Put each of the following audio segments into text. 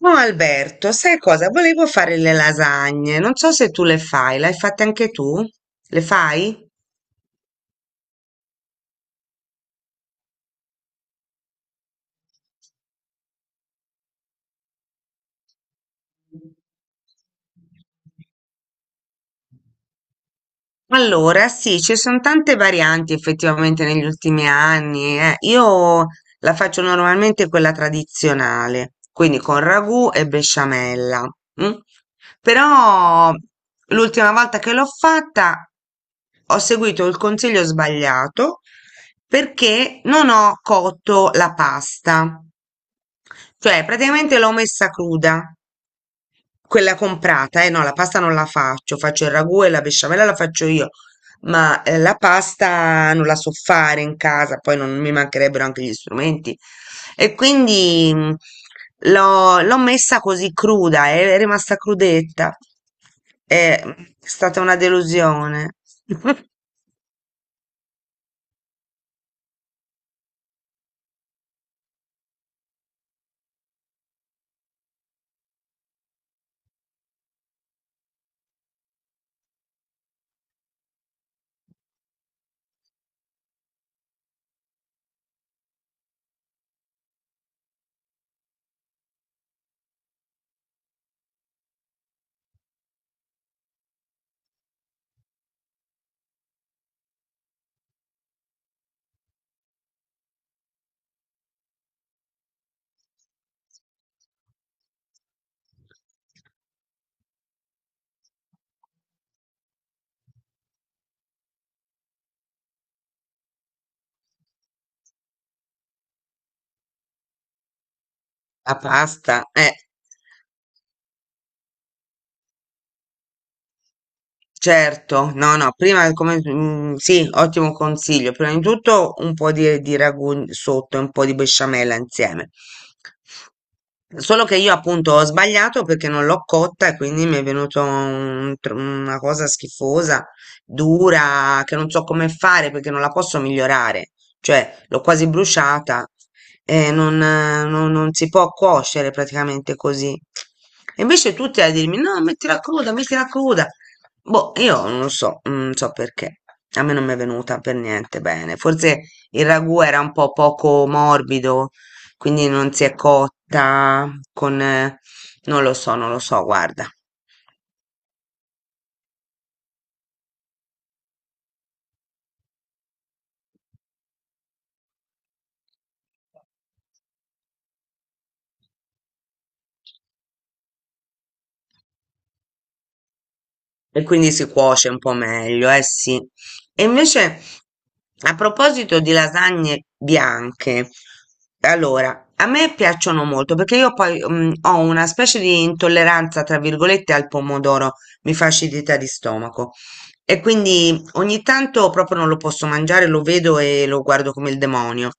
No, Alberto, sai cosa? Volevo fare le lasagne. Non so se tu le fai, le hai fatte anche tu? Le fai? Allora, sì, ci sono tante varianti effettivamente negli ultimi anni. Io la faccio normalmente quella tradizionale, quindi con ragù e besciamella. Mm. Però l'ultima volta che l'ho fatta ho seguito il consiglio sbagliato perché non ho cotto la pasta, cioè praticamente l'ho messa cruda quella comprata, eh no, la pasta non la faccio, faccio il ragù e la besciamella la faccio io, ma la pasta non la so fare in casa, poi non mi mancherebbero anche gli strumenti. E quindi l'ho messa così cruda, è rimasta crudetta. È stata una delusione. La pasta, eh. Certo, no, no, prima come, sì, ottimo consiglio. Prima di tutto un po' di ragù sotto e un po' di besciamella insieme. Solo che io appunto ho sbagliato perché non l'ho cotta e quindi mi è venuto una cosa schifosa, dura, che non so come fare perché non la posso migliorare, cioè l'ho quasi bruciata e non si può cuocere praticamente così. E invece tutti a dirmi no, mettila cruda, mettila cruda. Boh, io non lo so, non so perché. A me non mi è venuta per niente bene. Forse il ragù era un po' poco morbido. Quindi non si è cotta con non lo so, non lo so, guarda. E quindi si cuoce un po' meglio, eh sì. E invece, a proposito di lasagne bianche, allora, a me piacciono molto perché io poi ho una specie di intolleranza, tra virgolette, al pomodoro, mi fa acidità di stomaco. E quindi ogni tanto proprio non lo posso mangiare, lo vedo e lo guardo come il demonio.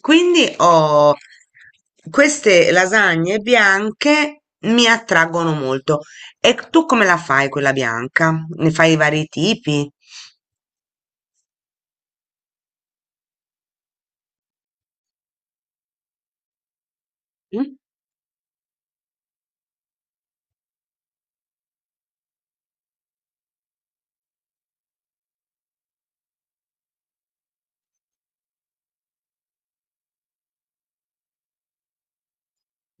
Quindi ho queste lasagne bianche mi attraggono molto. E tu come la fai quella bianca? Ne fai di vari tipi? Mm?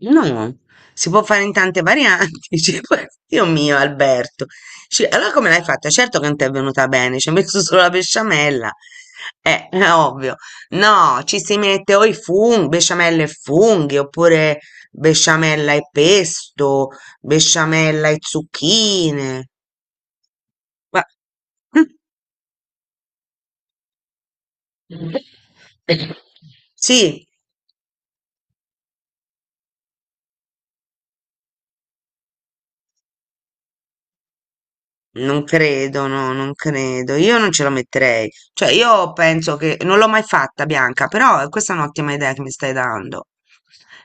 No, si può fare in tante varianti. Cioè, Dio mio, Alberto. Cioè, allora come l'hai fatta? Certo che non ti è venuta bene, ci hai messo solo la besciamella. È ovvio. No, ci si mette o i funghi, besciamella e funghi, oppure besciamella e pesto, besciamella e zucchine. Ma- Sì, non credo, no, non credo. Io non ce la metterei. Cioè, io penso che non l'ho mai fatta, Bianca, però questa è un'ottima idea che mi stai dando.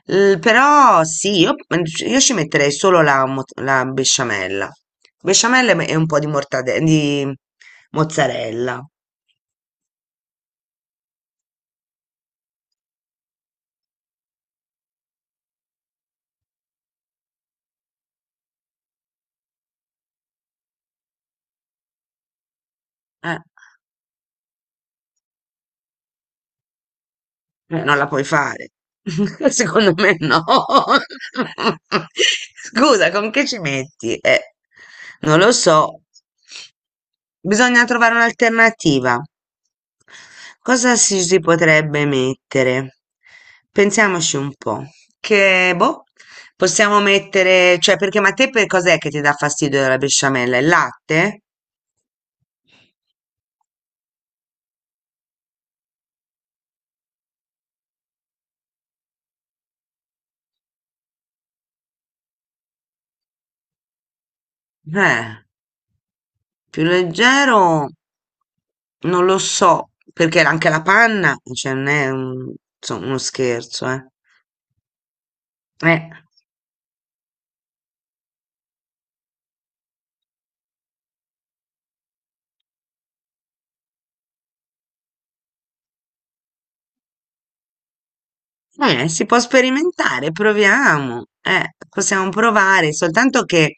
Però sì, io ci metterei solo la besciamella. Besciamella e un po' di mozzarella. Eh, non la puoi fare. Secondo me no. Scusa, con che ci metti? Non lo so. Bisogna trovare un'alternativa. Cosa si potrebbe mettere? Pensiamoci un po'. Che, boh, possiamo mettere, cioè, perché ma a te per cos'è che ti dà fastidio della besciamella? Il latte? Eh, più leggero non lo so, perché anche la panna, cioè, non è insomma, uno scherzo, eh. Eh, si può sperimentare, proviamo. Possiamo provare, soltanto che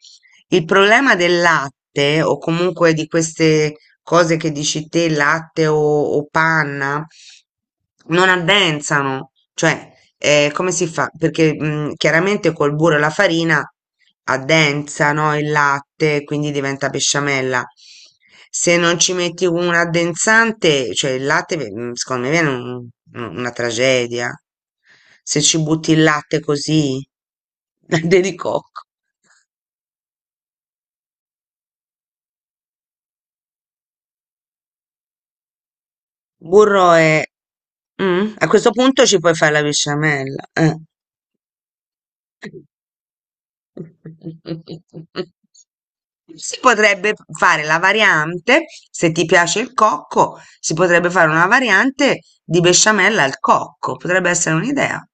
il problema del latte o comunque di queste cose che dici te, latte o panna, non addensano, cioè come si fa? Perché chiaramente col burro e la farina addensano il latte, quindi diventa besciamella. Se non ci metti un addensante, cioè il latte, secondo me viene una tragedia. Se ci butti il latte così, latte di cocco. Burro e a questo punto ci puoi fare la besciamella, eh. Si potrebbe fare la variante, se ti piace il cocco, si potrebbe fare una variante di besciamella al cocco, potrebbe essere un'idea.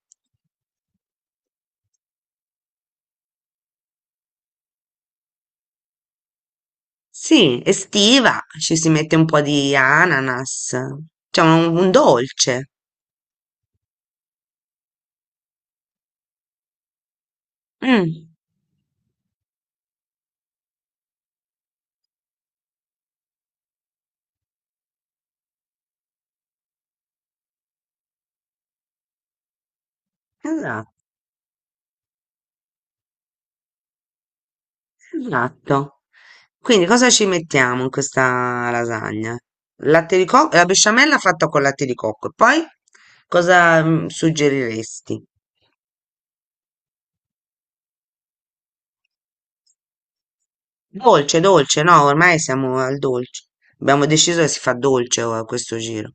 Sì, estiva, ci si mette un po' di ananas, cioè un dolce. Mh, esa Esatto. Quindi cosa ci mettiamo in questa lasagna? Latte di cocco, la besciamella fatta con latte di cocco. E poi cosa suggeriresti? Dolce, dolce, no, ormai siamo al dolce. Abbiamo deciso che si fa dolce a questo giro.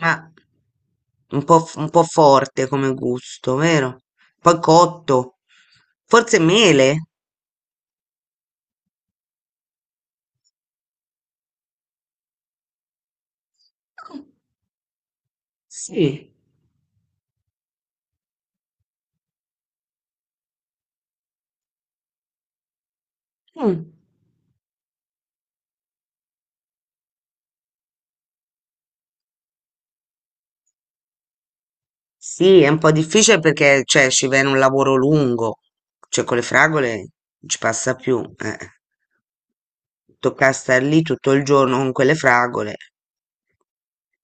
Ma un po', un po' forte come gusto, vero? Poi cotto. Forse mele? Sì. Mm. Sì, è un po' difficile perché, cioè, ci viene un lavoro lungo, cioè con le fragole non ci passa più, eh. Tocca star lì tutto il giorno con quelle fragole.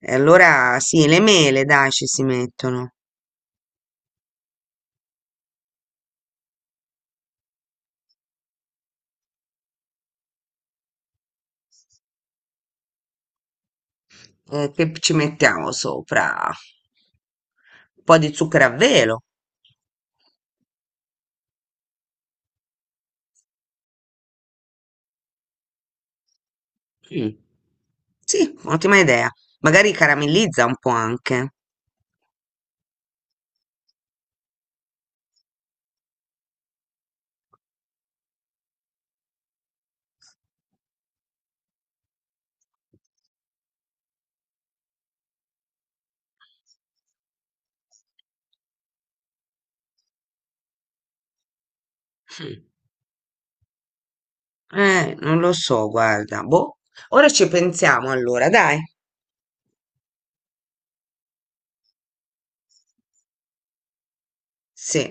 E allora sì, le mele, dai, ci si mettono. Che ci mettiamo sopra? Un po' di zucchero a velo. Mm. Sì, ottima idea. Magari caramellizza un po' anche. Non lo so, guarda. Boh. Ora ci pensiamo allora, dai. Sì.